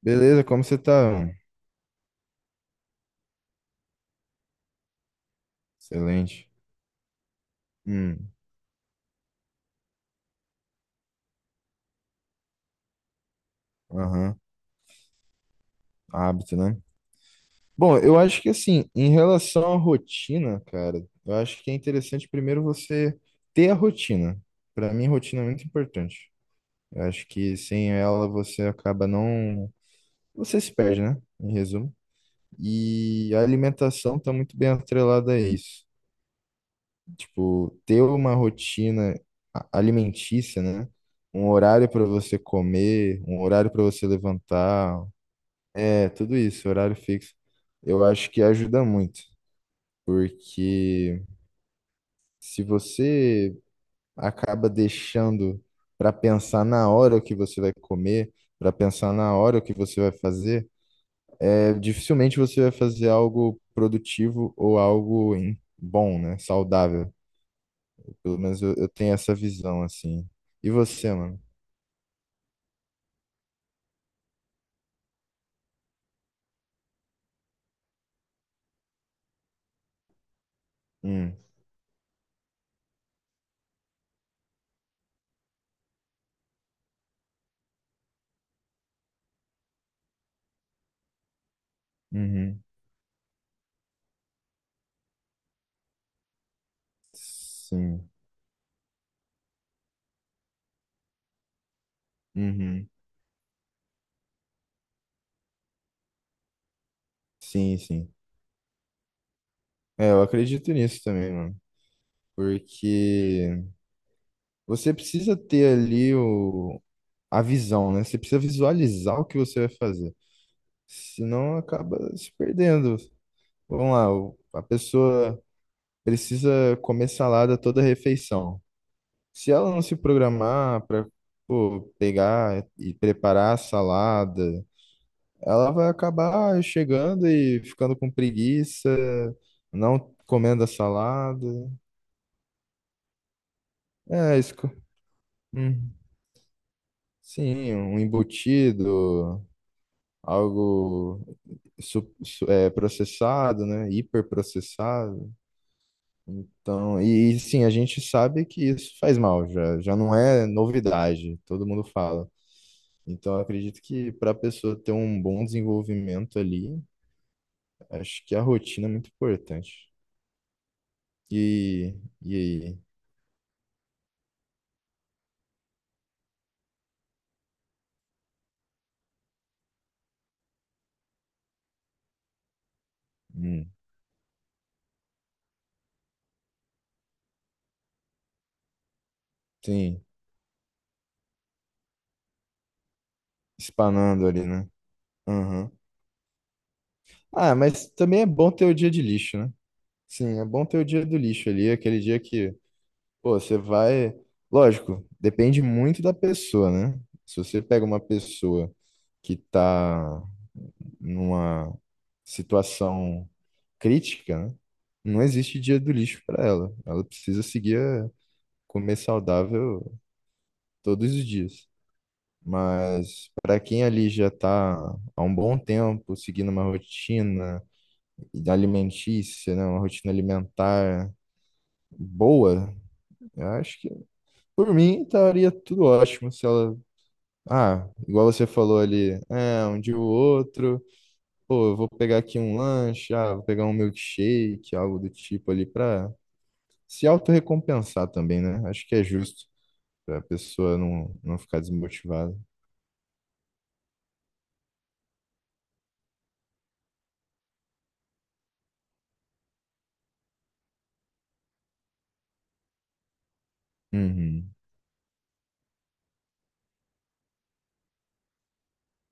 Beleza, como você tá, mano? Excelente. Hum, aham, hábito, né? Bom, eu acho que, assim, em relação à rotina, cara, eu acho que é interessante primeiro você ter a rotina. Pra mim, rotina é muito importante. Eu acho que sem ela você acaba não. Você se perde, né? Em resumo. E a alimentação tá muito bem atrelada a isso. Tipo, ter uma rotina alimentícia, né? Um horário para você comer, um horário para você levantar. É, tudo isso, horário fixo. Eu acho que ajuda muito, porque se você acaba deixando para pensar na hora o que você vai comer, para pensar na hora o que você vai fazer, é, dificilmente você vai fazer algo produtivo ou algo bom, né? Saudável. Pelo menos eu tenho essa visão, assim. E você, mano? Hum, uhum, sim, uhum, sim, sim. É, eu acredito nisso também, mano, porque. Você precisa ter ali o, a visão, né? Você precisa visualizar o que você vai fazer. Senão acaba se perdendo. Vamos lá, a pessoa precisa comer salada toda refeição. Se ela não se programar para pegar e preparar a salada, ela vai acabar chegando e ficando com preguiça, não comendo a salada. É isso. Que- Hum. Sim, um embutido, algo é, processado, né? Hiperprocessado. Então, sim, a gente sabe que isso faz mal, já, já não é novidade, todo mundo fala. Então, eu acredito que para a pessoa ter um bom desenvolvimento ali, acho que a rotina é muito importante. E, e aí? Hum, sim, espanando ali, né? Aham. Ah, mas também é bom ter o dia de lixo, né? Sim, é bom ter o dia do lixo ali, aquele dia que pô, você vai. Lógico, depende muito da pessoa, né? Se você pega uma pessoa que tá numa situação crítica, né? Não existe dia do lixo para ela. Ela precisa seguir a comer saudável todos os dias. Mas para quem ali já está há um bom tempo seguindo uma rotina alimentícia, né? Uma rotina alimentar boa, eu acho que por mim tá, estaria tudo ótimo se ela ah, igual você falou ali, é, um dia o outro, pô, eu vou pegar aqui um lanche, ah, vou pegar um milkshake, algo do tipo ali pra se autorrecompensar também, né? Acho que é justo pra pessoa não ficar desmotivada. Uhum,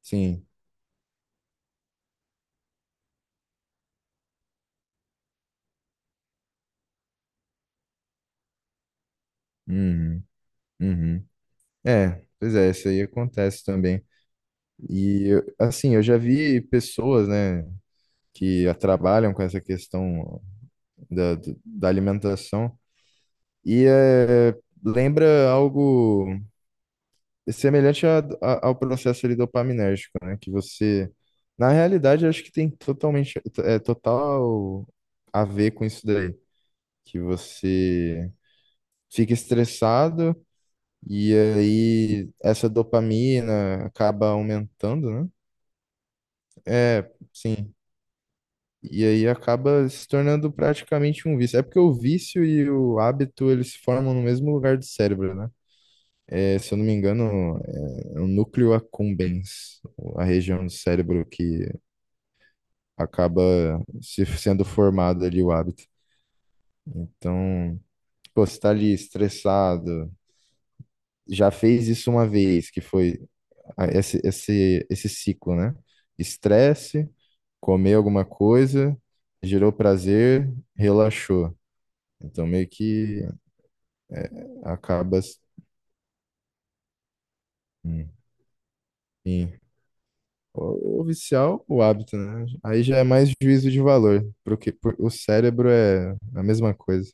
sim, uhum, uhum. É, pois é, isso aí acontece também. E, assim, eu já vi pessoas, né, que trabalham com essa questão da, da alimentação e é, lembra algo é semelhante ao processo ali dopaminérgico, né? Que você, na realidade, eu acho que tem totalmente, é total a ver com isso daí, que você fica estressado e aí essa dopamina acaba aumentando, né? É, sim. E aí acaba se tornando praticamente um vício. É porque o vício e o hábito, eles se formam no mesmo lugar do cérebro, né? É, se eu não me engano, é, é o núcleo accumbens, a região do cérebro que acaba se sendo formado ali o hábito. Então, pô, você tá ali estressado, já fez isso uma vez, que foi esse ciclo, né? Estresse, comer alguma coisa, gerou prazer, relaxou. Então, meio que acaba... Hum, sim. O vicial, o hábito, né? Aí já é mais juízo de valor, porque o cérebro é a mesma coisa.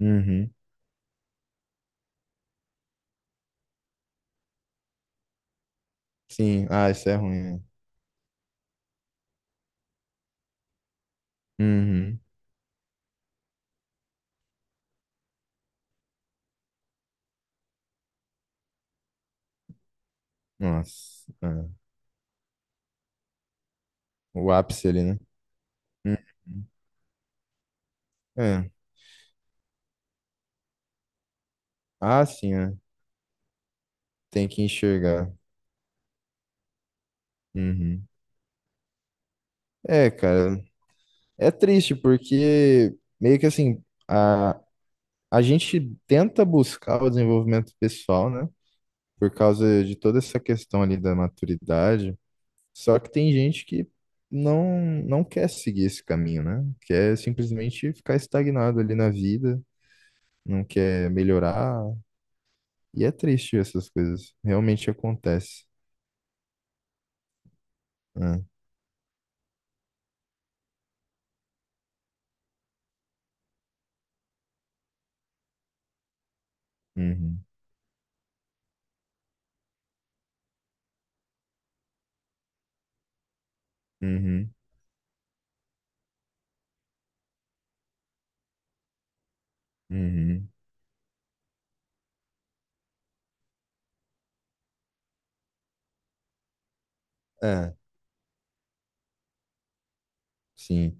Uhum. Sim, ah, isso é ruim, né? Uhum. Nossa, é. O ápice ali, né? Uhum. É. Ah, sim, é. Tem que enxergar. Uhum. É, cara, é triste porque meio que assim, a gente tenta buscar o desenvolvimento pessoal, né? Por causa de toda essa questão ali da maturidade, só que tem gente que não, não quer seguir esse caminho, né? Quer simplesmente ficar estagnado ali na vida, não quer melhorar. E é triste essas coisas. Realmente acontece, né? Uhum, uhum, uhum. É, sim.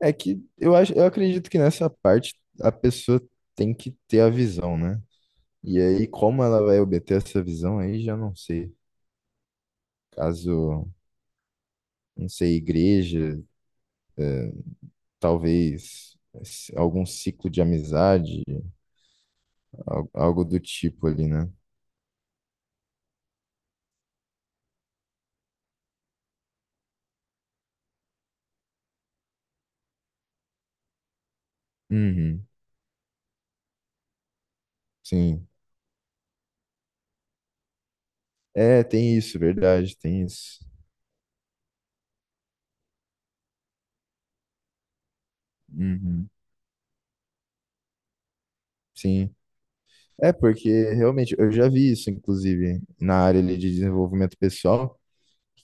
É que eu acho, eu acredito que nessa parte a pessoa tem que ter a visão, né? E aí, como ela vai obter essa visão aí, já não sei. Caso, não sei, igreja é, talvez algum ciclo de amizade, algo do tipo ali, né? Uhum, sim. É, tem isso, verdade, tem isso. Uhum, sim. É, porque realmente eu já vi isso, inclusive, na área ali de desenvolvimento pessoal,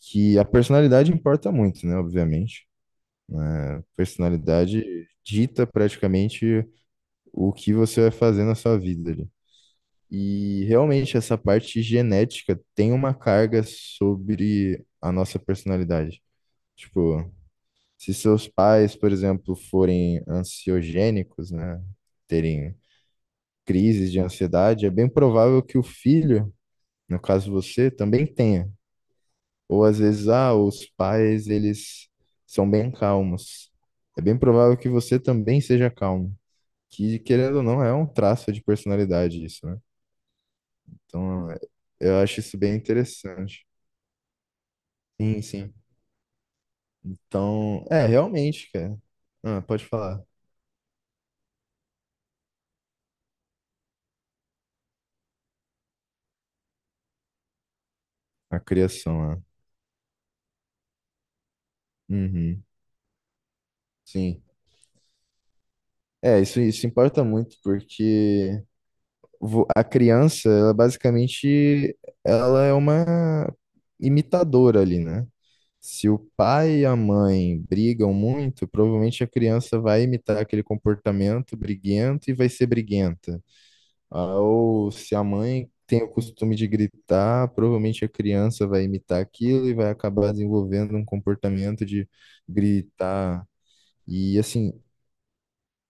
que a personalidade importa muito, né? Obviamente. A personalidade dita praticamente o que você vai fazer na sua vida ali. E realmente essa parte genética tem uma carga sobre a nossa personalidade. Tipo, se seus pais, por exemplo, forem ansiogênicos, né, terem crises de ansiedade, é bem provável que o filho, no caso você, também tenha. Ou às vezes, ah, os pais, eles são bem calmos. É bem provável que você também seja calmo. Que, querendo ou não, é um traço de personalidade isso, né? Então, eu acho isso bem interessante. Sim, sim. Então, é, realmente, cara. Ah, pode falar. A criação lá. Uhum, sim. É, isso importa muito, porque a criança, ela basicamente, ela é uma imitadora ali, né? Se o pai e a mãe brigam muito, provavelmente a criança vai imitar aquele comportamento briguento e vai ser briguenta. Ah, ou se a mãe tem o costume de gritar, provavelmente a criança vai imitar aquilo e vai acabar desenvolvendo um comportamento de gritar, e assim,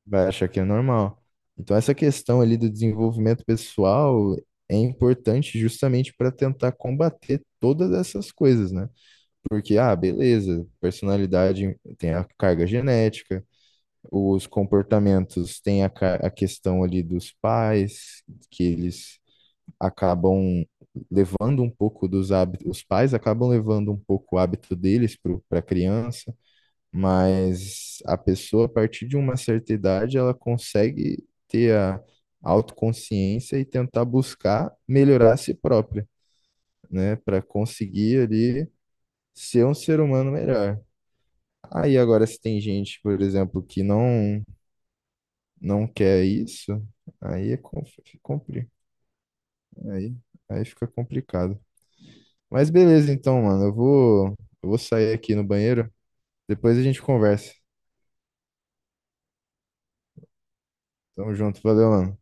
vai achar que é normal. Então, essa questão ali do desenvolvimento pessoal é importante justamente para tentar combater todas essas coisas, né? Porque, ah, beleza, personalidade tem a carga genética, os comportamentos tem a, a questão ali dos pais, que eles acabam levando um pouco dos hábitos, os pais acabam levando um pouco o hábito deles para a criança, mas a pessoa, a partir de uma certa idade, ela consegue ter a autoconsciência e tentar buscar melhorar a si própria, né, para conseguir ali ser um ser humano melhor. Aí agora se tem gente, por exemplo, que não quer isso, aí é compli, aí, aí fica complicado. Mas beleza, então, mano. Eu vou sair aqui no banheiro. Depois a gente conversa. Tamo junto. Valeu, mano.